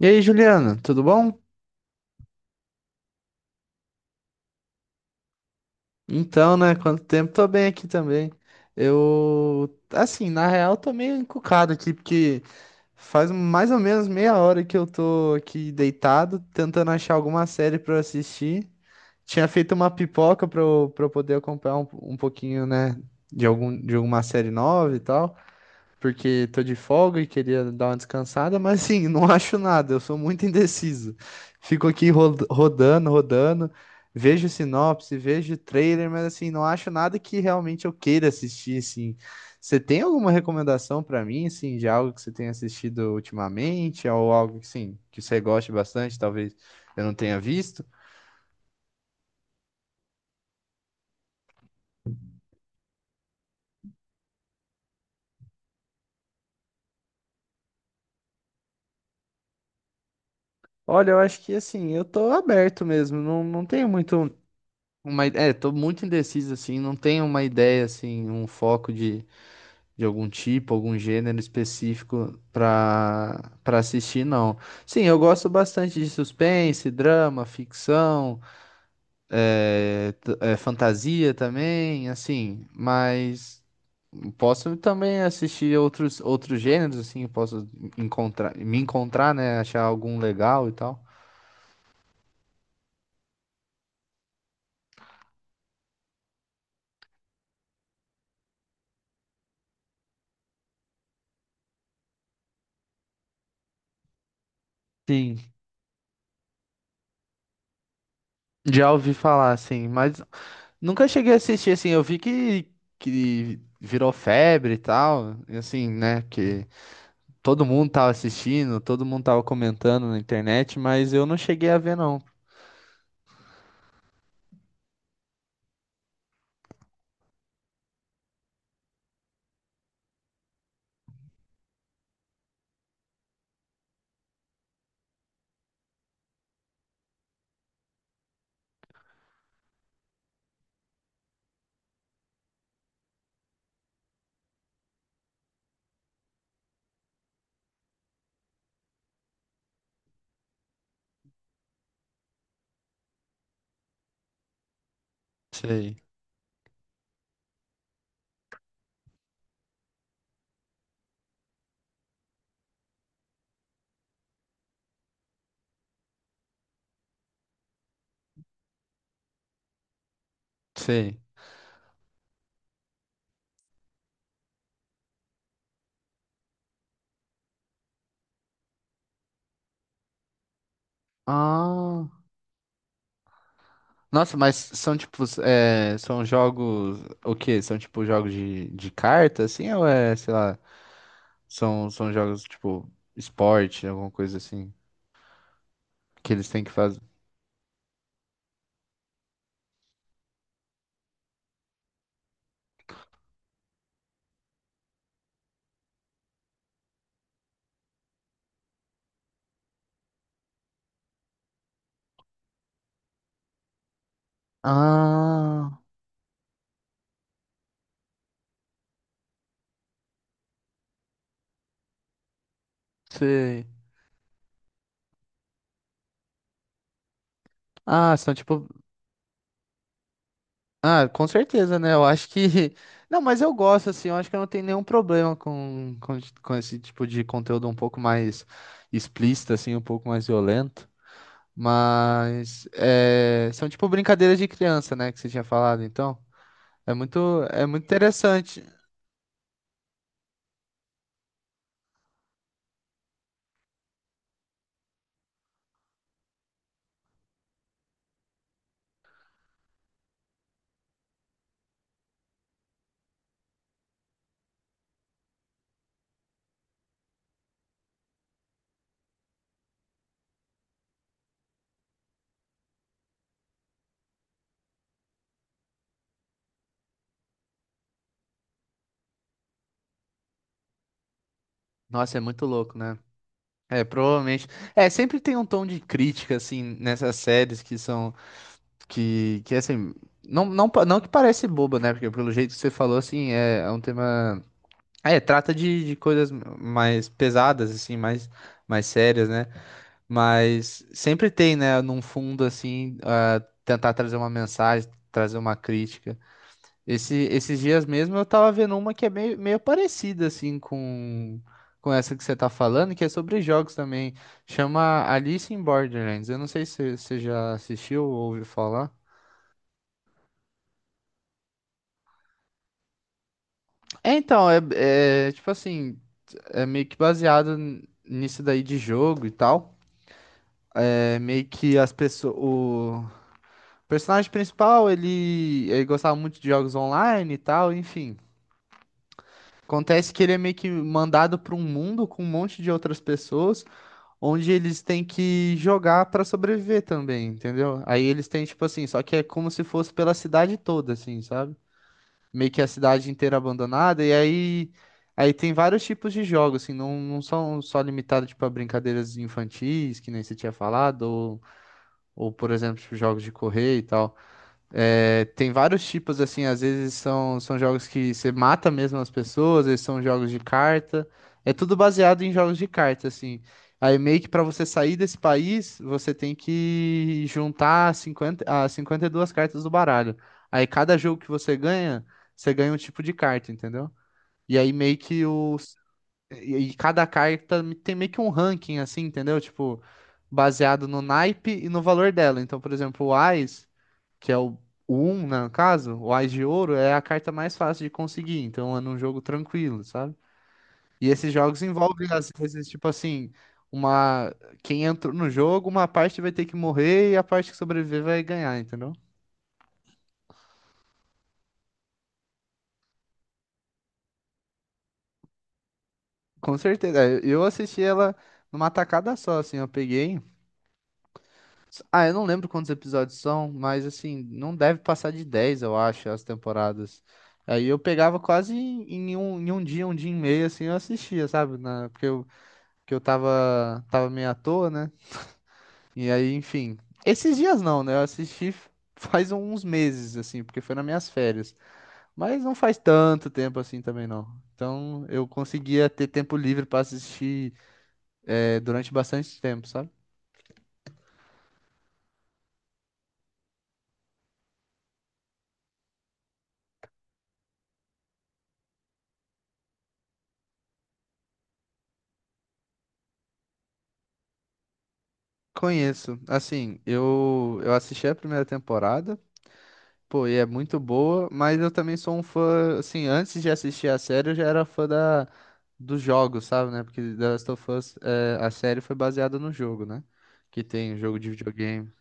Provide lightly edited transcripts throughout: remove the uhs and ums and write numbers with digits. E aí, Juliana, tudo bom? Então, né? Quanto tempo? Tô bem aqui também. Eu, assim, na real, tô meio encucado aqui, porque faz mais ou menos meia hora que eu tô aqui deitado, tentando achar alguma série pra eu assistir. Tinha feito uma pipoca pra eu poder acompanhar um pouquinho, né, de algum, de alguma série nova e tal. Porque tô de folga e queria dar uma descansada, mas assim, não acho nada, eu sou muito indeciso. Fico aqui rodando, rodando, vejo sinopse, vejo trailer, mas assim, não acho nada que realmente eu queira assistir, assim. Você tem alguma recomendação pra mim, assim, de algo que você tenha assistido ultimamente, ou algo que, sim, que você goste bastante, talvez eu não tenha visto? Olha, eu acho que assim, eu tô aberto mesmo, não tenho muito. Tô muito indeciso, assim, não tenho uma ideia, assim, um foco de algum tipo, algum gênero específico pra assistir, não. Sim, eu gosto bastante de suspense, drama, ficção, fantasia também, assim, mas posso também assistir outros gêneros, assim, posso encontrar, me encontrar, né, achar algum legal e tal. Sim, já ouvi falar, assim, mas nunca cheguei a assistir, assim, eu vi que virou febre e tal, e assim, né, que todo mundo tava assistindo, todo mundo tava comentando na internet, mas eu não cheguei a ver, não. Sei, sei. Ah, nossa, mas são tipo, é, são jogos, o quê? São tipo jogos de carta, assim, ou é, sei lá, são jogos tipo esporte, alguma coisa assim, que eles têm que fazer? Ah, sei. Ah, são tipo. Ah, com certeza, né? Eu acho que. Não, mas eu gosto, assim, eu acho que eu não tenho nenhum problema com esse tipo de conteúdo um pouco mais explícito, assim, um pouco mais violento. Mas é, são tipo brincadeiras de criança, né? Que você tinha falado, então. É muito interessante. Nossa, é muito louco, né? É, provavelmente. É, sempre tem um tom de crítica, assim, nessas séries que são. Que assim. Não que parece boba, né? Porque pelo jeito que você falou, assim, é um tema. Ah, é, trata de coisas mais pesadas, assim, mais, mais sérias, né? Mas sempre tem, né, num fundo, assim, ah, tentar trazer uma mensagem, trazer uma crítica. Esses dias mesmo eu tava vendo uma que é meio parecida, assim, com essa que você tá falando, que é sobre jogos também. Chama Alice in Borderlands. Eu não sei se você já assistiu ou ouviu falar. É, então, é, é tipo assim, é meio que baseado nisso daí de jogo e tal. É meio que as pessoas. O personagem principal, ele gostava muito de jogos online e tal, enfim. Acontece que ele é meio que mandado para um mundo com um monte de outras pessoas, onde eles têm que jogar para sobreviver também, entendeu? Aí eles têm, tipo assim, só que é como se fosse pela cidade toda, assim, sabe? Meio que a cidade inteira abandonada, e aí. Aí tem vários tipos de jogos, assim, não são só limitados, tipo, a brincadeiras infantis, que nem você tinha falado, ou por exemplo, tipo, jogos de correr e tal. É, tem vários tipos, assim, às vezes são, são jogos que você mata mesmo as pessoas, eles são jogos de carta. É tudo baseado em jogos de carta, assim. Aí meio que para você sair desse país, você tem que juntar 52 cartas do baralho. Aí cada jogo que você ganha um tipo de carta, entendeu? E aí meio que o, e cada carta tem meio que um ranking, assim, entendeu? Tipo, baseado no naipe e no valor dela. Então, por exemplo, o Ás, que é o 1, no caso, o Ás de ouro é a carta mais fácil de conseguir. Então, é num jogo tranquilo, sabe? E esses jogos envolvem, às vezes, tipo assim, uma... Quem entrou no jogo, uma parte vai ter que morrer e a parte que sobreviver vai ganhar, entendeu? Com certeza. É, eu assisti ela numa tacada só, assim, ah, eu não lembro quantos episódios são, mas assim, não deve passar de 10, eu acho, as temporadas. Aí eu pegava quase em um dia e meio, assim, eu assistia, sabe? Porque eu tava meio à toa, né? E aí, enfim. Esses dias não, né? Eu assisti faz uns meses, assim, porque foi nas minhas férias. Mas não faz tanto tempo assim também, não. Então eu conseguia ter tempo livre pra assistir, durante bastante tempo, sabe? Conheço. Assim, eu assisti a primeira temporada, pô, e é muito boa, mas eu também sou um fã, assim, antes de assistir a série, eu já era fã da, dos jogos, sabe, né? Porque The Last of Us, é, a série foi baseada no jogo, né? Que tem um jogo de videogame.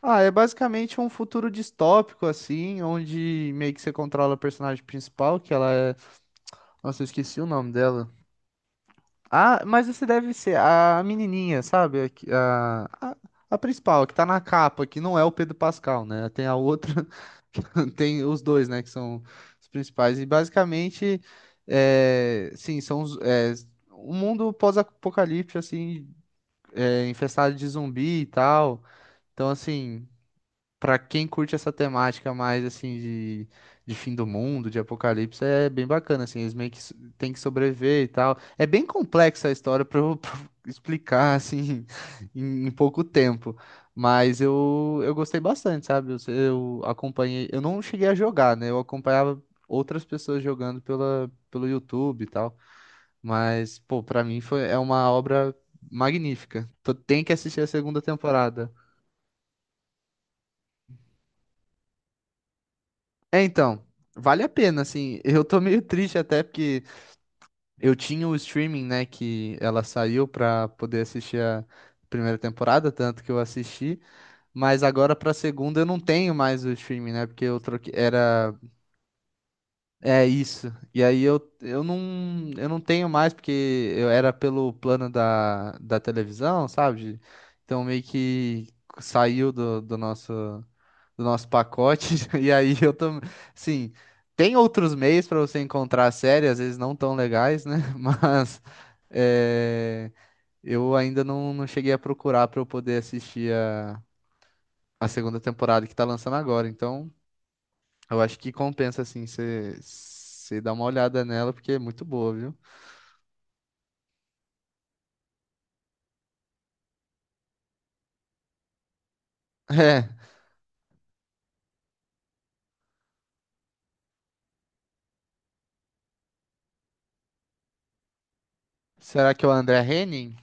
Ah, é basicamente um futuro distópico, assim, onde meio que você controla a personagem principal, que nossa, eu esqueci o nome dela. Ah, mas esse deve ser a menininha, sabe? A principal, a que tá na capa, que não é o Pedro Pascal, né? Tem a outra, tem os dois, né? Que são os principais. E basicamente, é, sim, são os, é, um mundo pós-apocalipse, assim, infestado de zumbi e tal. Então, assim, pra quem curte essa temática mais assim de fim do mundo, de apocalipse, é bem bacana, assim, eles meio que têm que sobreviver e tal. É bem complexa a história pra eu pra eu explicar assim em pouco tempo, mas eu gostei bastante, sabe? Eu acompanhei, eu não cheguei a jogar, né? Eu acompanhava outras pessoas jogando pelo YouTube e tal, mas pô, pra mim foi é uma obra magnífica. Tem que assistir a segunda temporada. É, então, vale a pena, assim. Eu tô meio triste até porque eu tinha o streaming, né, que ela saiu pra poder assistir a primeira temporada, tanto que eu assisti, mas agora pra segunda eu não tenho mais o streaming, né, porque eu troquei, era, é isso. E aí eu não tenho mais porque eu era pelo plano da televisão, sabe? Então meio que saiu do, do nosso do nosso pacote. E aí eu também, sim, tem outros meios para você encontrar a série, às vezes não tão legais, né? Mas é, eu ainda não cheguei a procurar para eu poder assistir a segunda temporada que tá lançando agora. Então, eu acho que compensa assim você dar uma olhada nela, porque é muito boa, viu? É. Será que é o André Henning?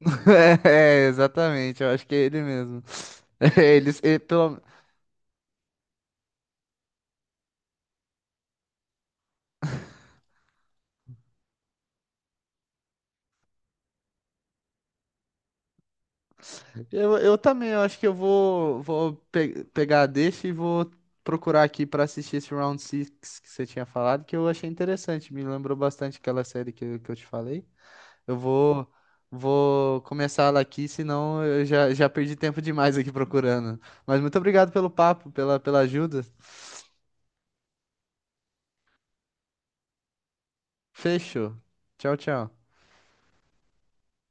É, exatamente, eu acho que é ele mesmo. Eles, eu também, eu acho que eu vou pegar a deixa e vou procurar aqui pra assistir esse Round six que você tinha falado, que eu achei interessante, me lembrou bastante aquela série que eu te falei. Eu vou, vou começar ela aqui, senão eu já perdi tempo demais aqui procurando. Mas muito obrigado pelo papo, pela ajuda. Fechou. Tchau, tchau.